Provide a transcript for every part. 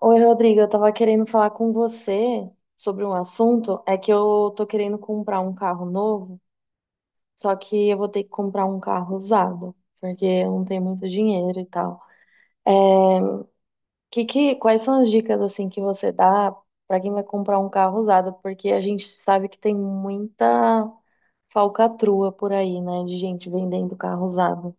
Oi, Rodrigo, eu tava querendo falar com você sobre um assunto. É que eu tô querendo comprar um carro novo, só que eu vou ter que comprar um carro usado, porque eu não tenho muito dinheiro e tal. É, quais são as dicas assim que você dá pra quem vai comprar um carro usado? Porque a gente sabe que tem muita falcatrua por aí, né, de gente vendendo carro usado.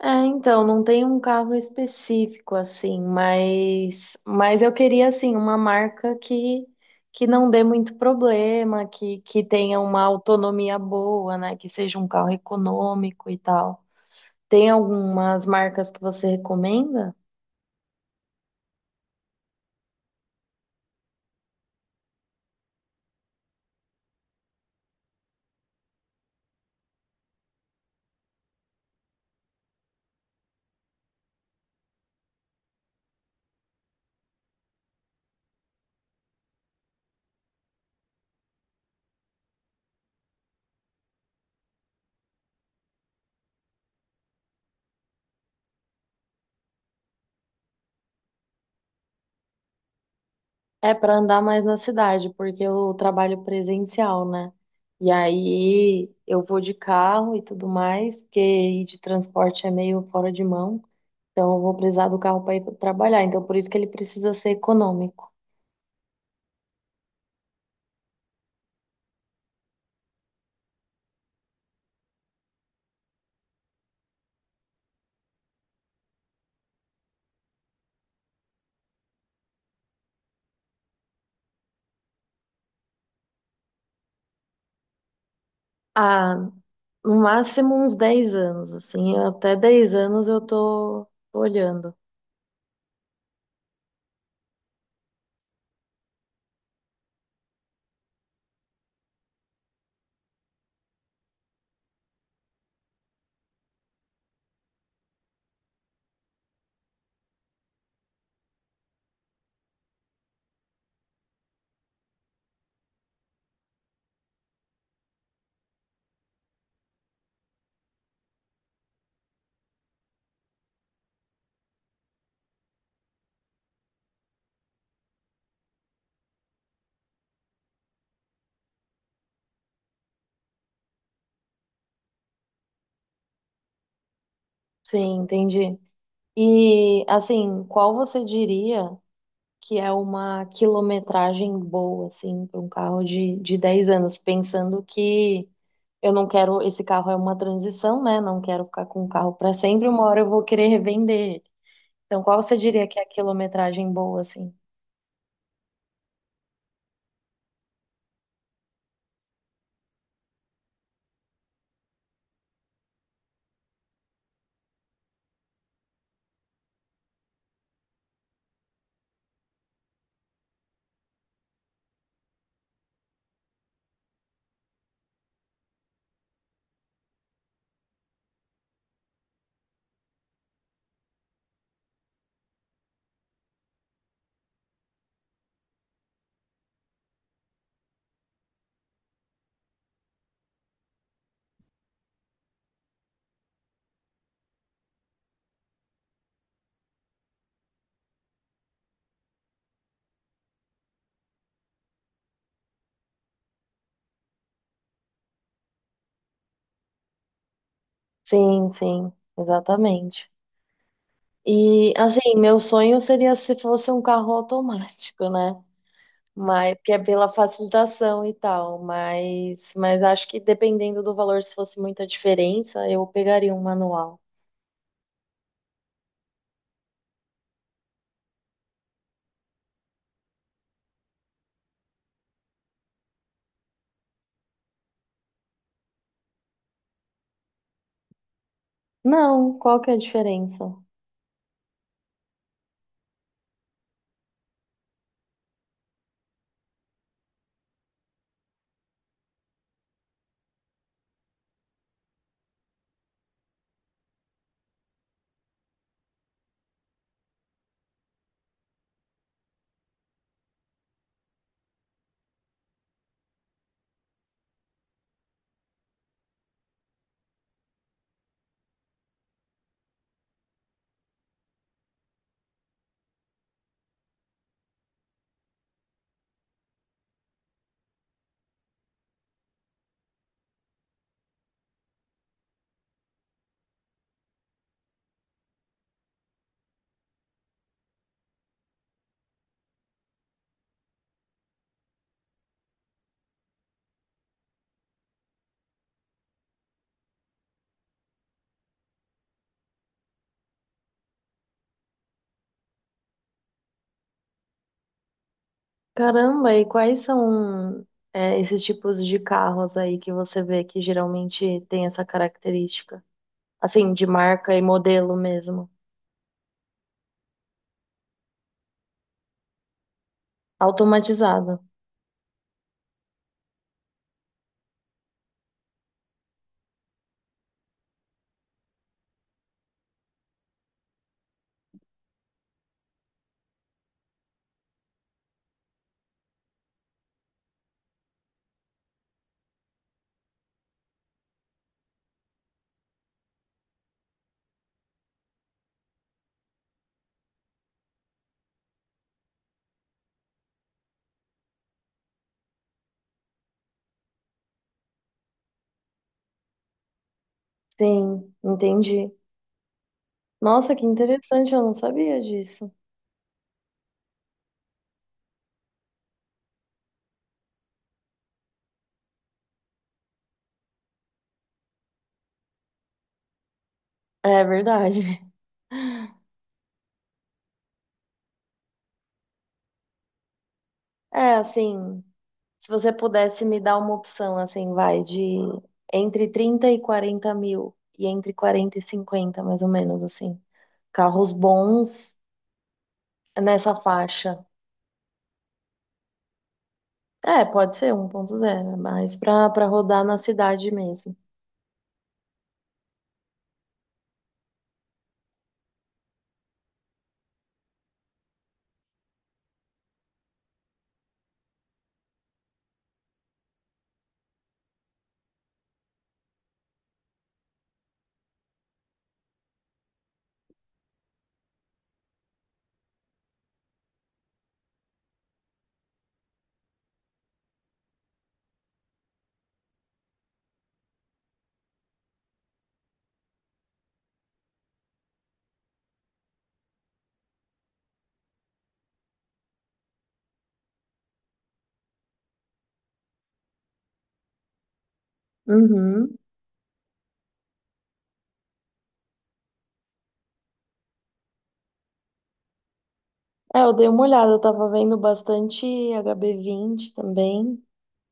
É, então, não tem um carro específico assim, mas eu queria assim uma marca que não dê muito problema, que tenha uma autonomia boa, né, que seja um carro econômico e tal. Tem algumas marcas que você recomenda? É para andar mais na cidade, porque eu trabalho presencial, né? E aí eu vou de carro e tudo mais, porque ir de transporte é meio fora de mão. Então, eu vou precisar do carro para ir pra trabalhar. Então, por isso que ele precisa ser econômico. Ah, no máximo uns 10 anos, assim. Até 10 anos eu tô olhando. Sim, entendi. E, assim, qual você diria que é uma quilometragem boa, assim, para um carro de 10 anos? Pensando que eu não quero. Esse carro é uma transição, né? Não quero ficar com o carro para sempre. Uma hora eu vou querer revender ele. Então, qual você diria que é a quilometragem boa, assim? Sim, sim, exatamente. E assim, meu sonho seria se fosse um carro automático, né? Mas que é pela facilitação e tal, mas acho que dependendo do valor, se fosse muita diferença, eu pegaria um manual. Não, qual que é a diferença? Caramba, e quais são é, esses tipos de carros aí que você vê que geralmente tem essa característica? Assim, de marca e modelo mesmo. Automatizado. Sim, entendi. Nossa, que interessante, eu não sabia disso. É verdade. É, assim, se você pudesse me dar uma opção, assim, vai, de entre 30 e 40 mil, e entre 40 e 50, mais ou menos, assim. Carros bons nessa faixa. É, pode ser um 1.0, mas pra rodar na cidade mesmo. Uhum. É, eu dei uma olhada, eu tava vendo bastante HB20 também,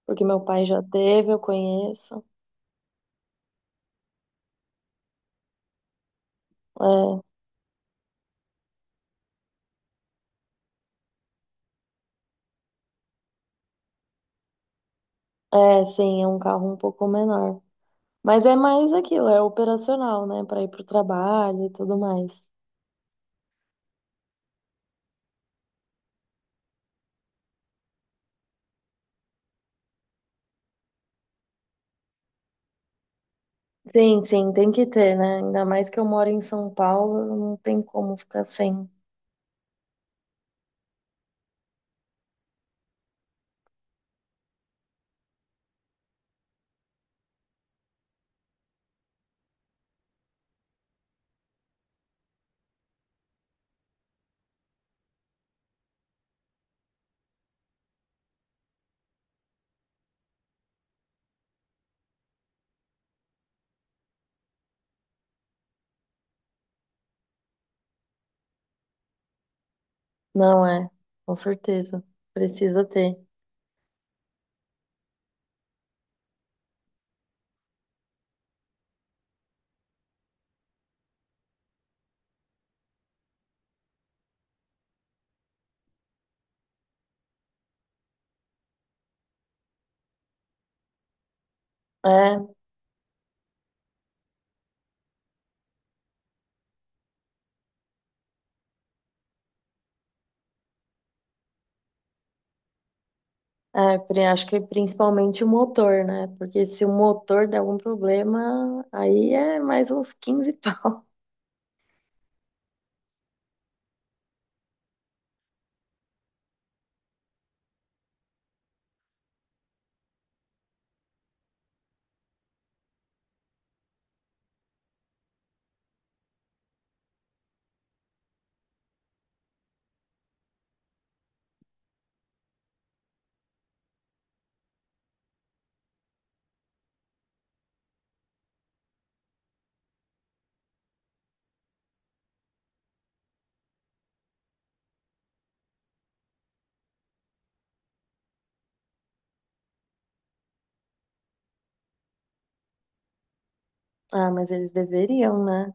porque meu pai já teve, eu conheço. É. É, sim, é um carro um pouco menor. Mas é mais aquilo, é operacional, né? Para ir para o trabalho e tudo mais. Sim, sim, tem que ter, né? Ainda mais que eu moro em São Paulo, não tem como ficar sem. Não é, com certeza. Precisa ter. É, Acho que principalmente o motor, né? Porque se o motor der algum problema, aí é mais uns 15 pau. Ah, mas eles deveriam, né?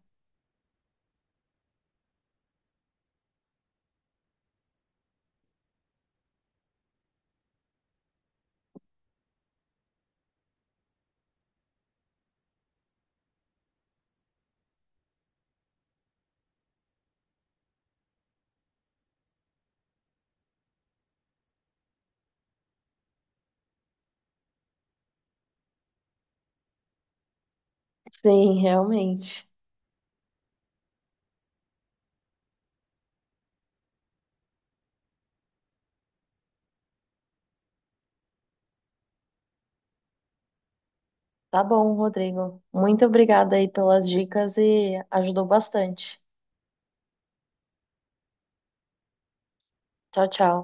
Sim, realmente. Tá bom, Rodrigo. Muito obrigada aí pelas dicas e ajudou bastante. Tchau, tchau.